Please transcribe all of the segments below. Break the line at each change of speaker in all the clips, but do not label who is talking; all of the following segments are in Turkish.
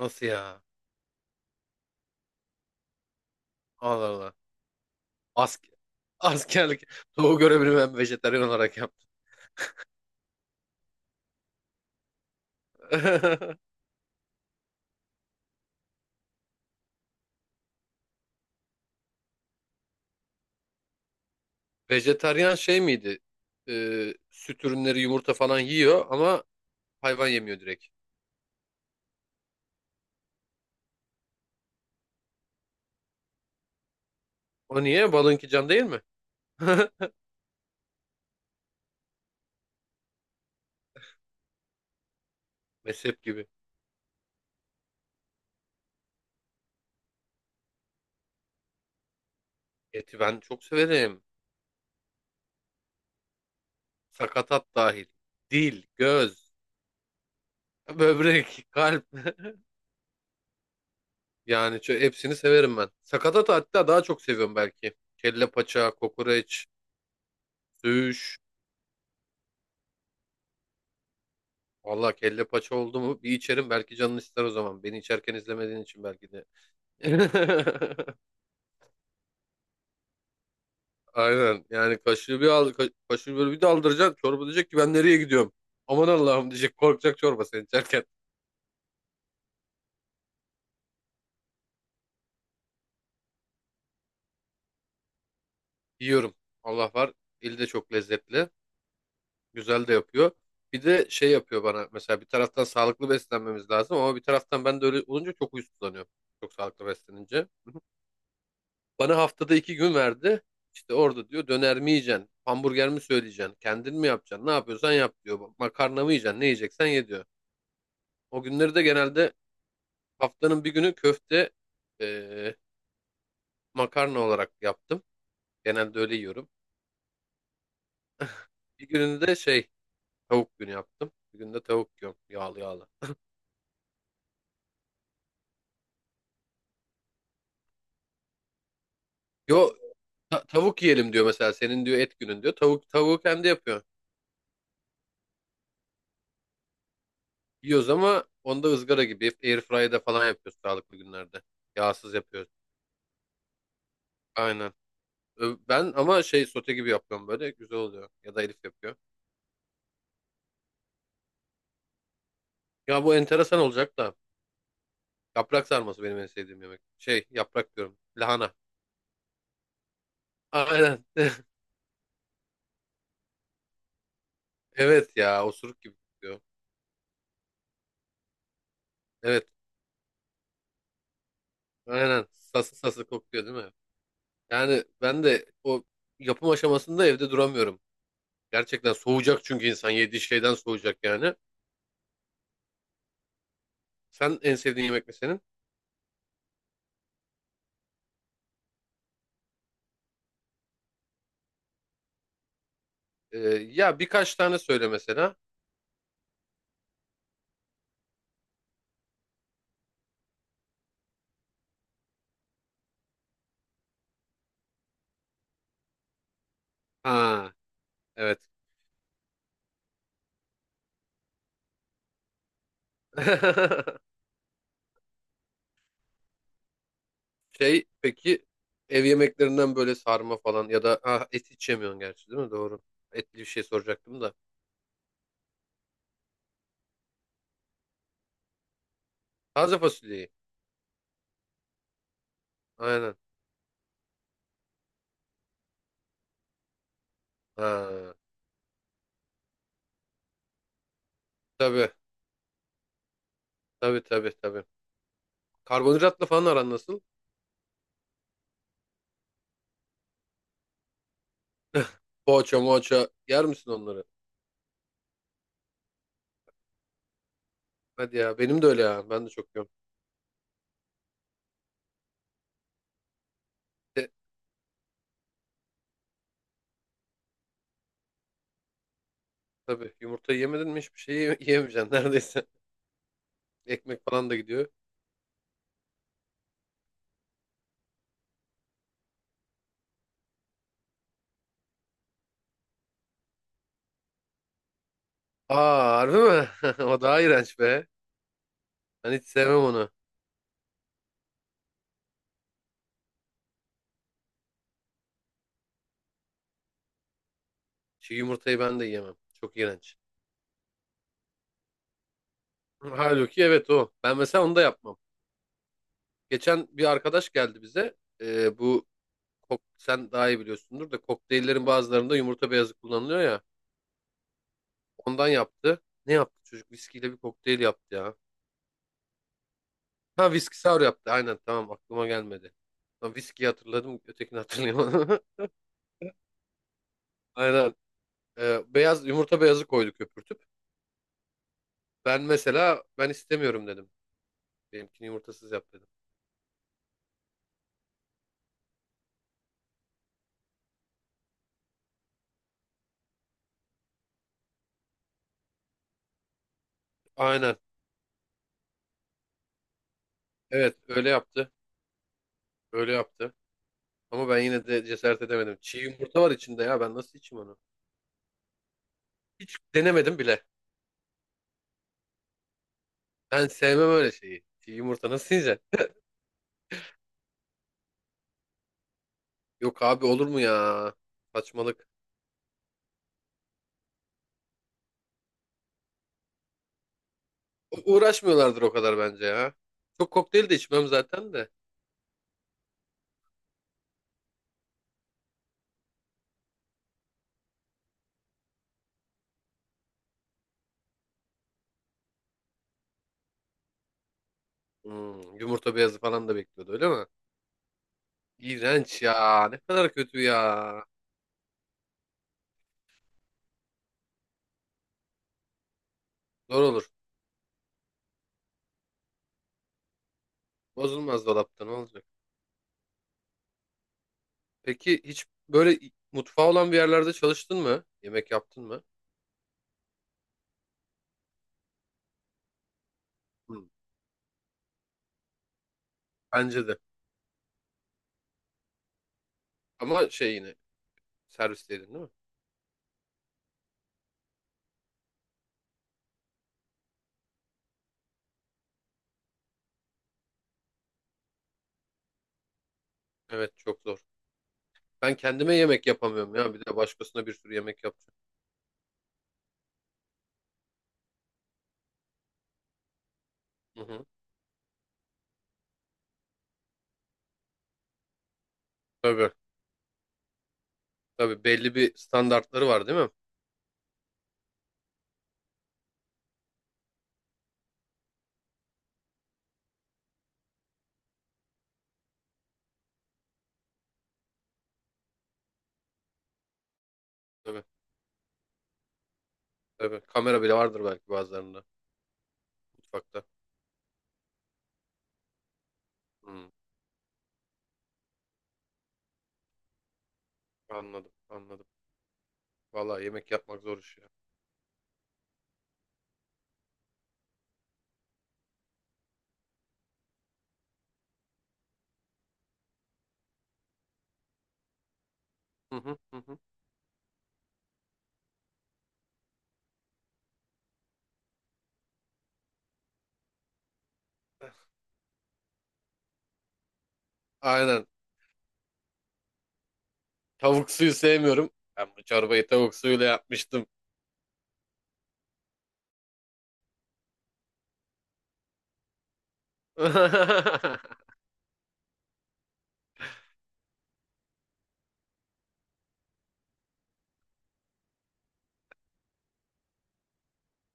Nasıl ya? Allah Allah. Ask askerlik. Doğu görevini ben vejetaryen olarak yaptım. Vejetaryen şey miydi? Süt ürünleri, yumurta falan yiyor ama hayvan yemiyor direkt. O niye? Balınki can değil mi? Mezhep gibi. Eti ben çok severim. Sakatat dahil. Dil, göz, böbrek, kalp. Yani hepsini severim ben. Sakatat hatta daha çok seviyorum belki. Kelle paça, kokoreç, söğüş. Vallahi kelle paça oldu mu bir içerim, belki canın ister o zaman. Beni içerken izlemediğin için belki de. Aynen, yani kaşığı bir al, kaşığı böyle bir daldıracaksın. Çorba diyecek ki ben nereye gidiyorum? Aman Allah'ım diyecek, korkacak çorba sen içerken. Yiyorum. Allah var. Eli de çok lezzetli. Güzel de yapıyor. Bir de şey yapıyor bana mesela, bir taraftan sağlıklı beslenmemiz lazım ama bir taraftan ben de öyle olunca çok huysuzlanıyorum. Çok sağlıklı beslenince. Bana haftada 2 gün verdi. İşte orada diyor döner mi yiyeceksin? Hamburger mi söyleyeceksin? Kendin mi yapacaksın? Ne yapıyorsan yap diyor. Makarna mı yiyeceksin? Ne yiyeceksen ye diyor. O günleri de genelde haftanın bir günü köfte, eee, makarna olarak yaptım. Genelde öyle yiyorum. Bir gününde de şey, tavuk günü yaptım. Bir günde tavuk yiyorum. Yağlı yağlı. Yo, tavuk yiyelim diyor mesela. Senin diyor et günün diyor. Tavuk, tavuğu kendi yapıyor. Yiyoruz ama onda ızgara gibi airfryer'da falan yapıyoruz sağlıklı günlerde. Yağsız yapıyoruz. Aynen. Ben ama şey sote gibi yapıyorum, böyle güzel oluyor. Ya da Elif yapıyor. Ya bu enteresan olacak da yaprak sarması benim en sevdiğim yemek. Şey yaprak diyorum. Lahana. Aynen. Evet ya, osuruk gibi kokuyor. Evet. Aynen. Sası sası kokuyor değil mi? Yani ben de o yapım aşamasında evde duramıyorum. Gerçekten soğuyacak, çünkü insan yediği şeyden soğuyacak yani. Sen en sevdiğin yemek ne senin? Ee, ya birkaç tane söyle mesela. Ha evet. Şey peki, ev yemeklerinden böyle sarma falan ya da ha, et hiç yemiyorsun gerçi değil mi? Doğru. Etli bir şey soracaktım da. Taze fasulyeyi. Aynen. Ha, tabii tabii tabii tabii. Karbonhidratla falan aran nasıl? Poğaça moğaça yer misin onları? Hadi ya, benim de öyle ya. Ben de çok yiyorum. De, tabii yumurta yemedin mi hiçbir şey yiyemeyeceksin neredeyse. Ekmek falan da gidiyor. Aa harbi mi? O daha iğrenç be. Ben hiç sevmem onu. Çiğ yumurtayı ben de yiyemem. Çok iğrenç. Halbuki evet o. Ben mesela onu da yapmam. Geçen bir arkadaş geldi bize. Bu sen daha iyi biliyorsundur da, kokteyllerin bazılarında yumurta beyazı kullanılıyor ya. Ondan yaptı. Ne yaptı çocuk? Viskiyle bir kokteyl yaptı ya. Ha, viski sour yaptı. Aynen tamam, aklıma gelmedi. Lan viskiyi hatırladım, ötekini hatırlayamadım. Aynen. Beyaz yumurta beyazı koydu köpürtüp. Ben mesela, ben istemiyorum dedim. Benimkini yumurtasız yap dedim. Aynen. Evet öyle yaptı. Öyle yaptı. Ama ben yine de cesaret edemedim. Çiğ yumurta var içinde ya. Ben nasıl içeyim onu? Hiç denemedim bile. Ben sevmem öyle şeyi. Çiğ yumurta nasıl yiyeceksin? Yok abi, olur mu ya? Saçmalık. Uğraşmıyorlardır o kadar bence ya. Çok kokteyl de içmem zaten de. Hmm, yumurta beyazı falan da bekliyordu öyle mi? İğrenç ya. Ne kadar kötü ya. Zor olur. Bozulmaz, dolapta ne olacak? Peki hiç böyle mutfağı olan bir yerlerde çalıştın mı? Yemek yaptın mı? Hmm, bence de. Ama şey yine, servisleydin değil mi? Evet çok zor. Ben kendime yemek yapamıyorum ya. Bir de başkasına bir sürü yemek yapacağım. Hı hı. Tabii. Tabii belli bir standartları var değil mi? Tabii. Tabii. Kamera bile vardır belki bazılarında mutfakta. Hı. Anladım. Anladım. Vallahi yemek yapmak zor iş ya. Hı hı, hı hı. Aynen. Tavuk suyu sevmiyorum. Ben bu çorbayı tavuk suyuyla yapmıştım.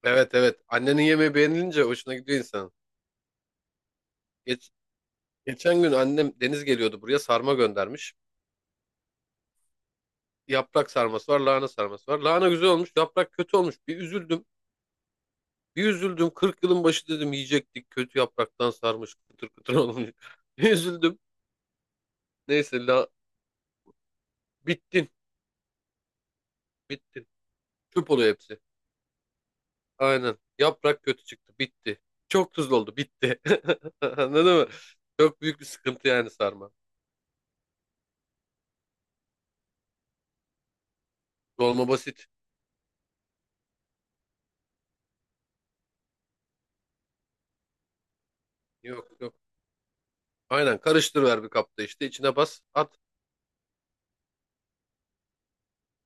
Evet evet. Annenin yemeği beğenilince hoşuna gidiyor insan. Geç, geçen gün annem Deniz geliyordu buraya, sarma göndermiş. Yaprak sarması var, lahana sarması var. Lahana güzel olmuş, yaprak kötü olmuş. Bir üzüldüm. Bir üzüldüm. 40 yılın başı dedim yiyecektik. Kötü yapraktan sarmış, kıtır kıtır olmuş. Bir üzüldüm. Neyse la, bittin, bittin. Çöp oluyor hepsi. Aynen. Yaprak kötü çıktı, bitti. Çok tuzlu oldu, bitti. Anladın mı? Çok büyük bir sıkıntı yani sarma. Dolma basit. Yok yok. Aynen, karıştır ver bir kapta, işte içine bas at.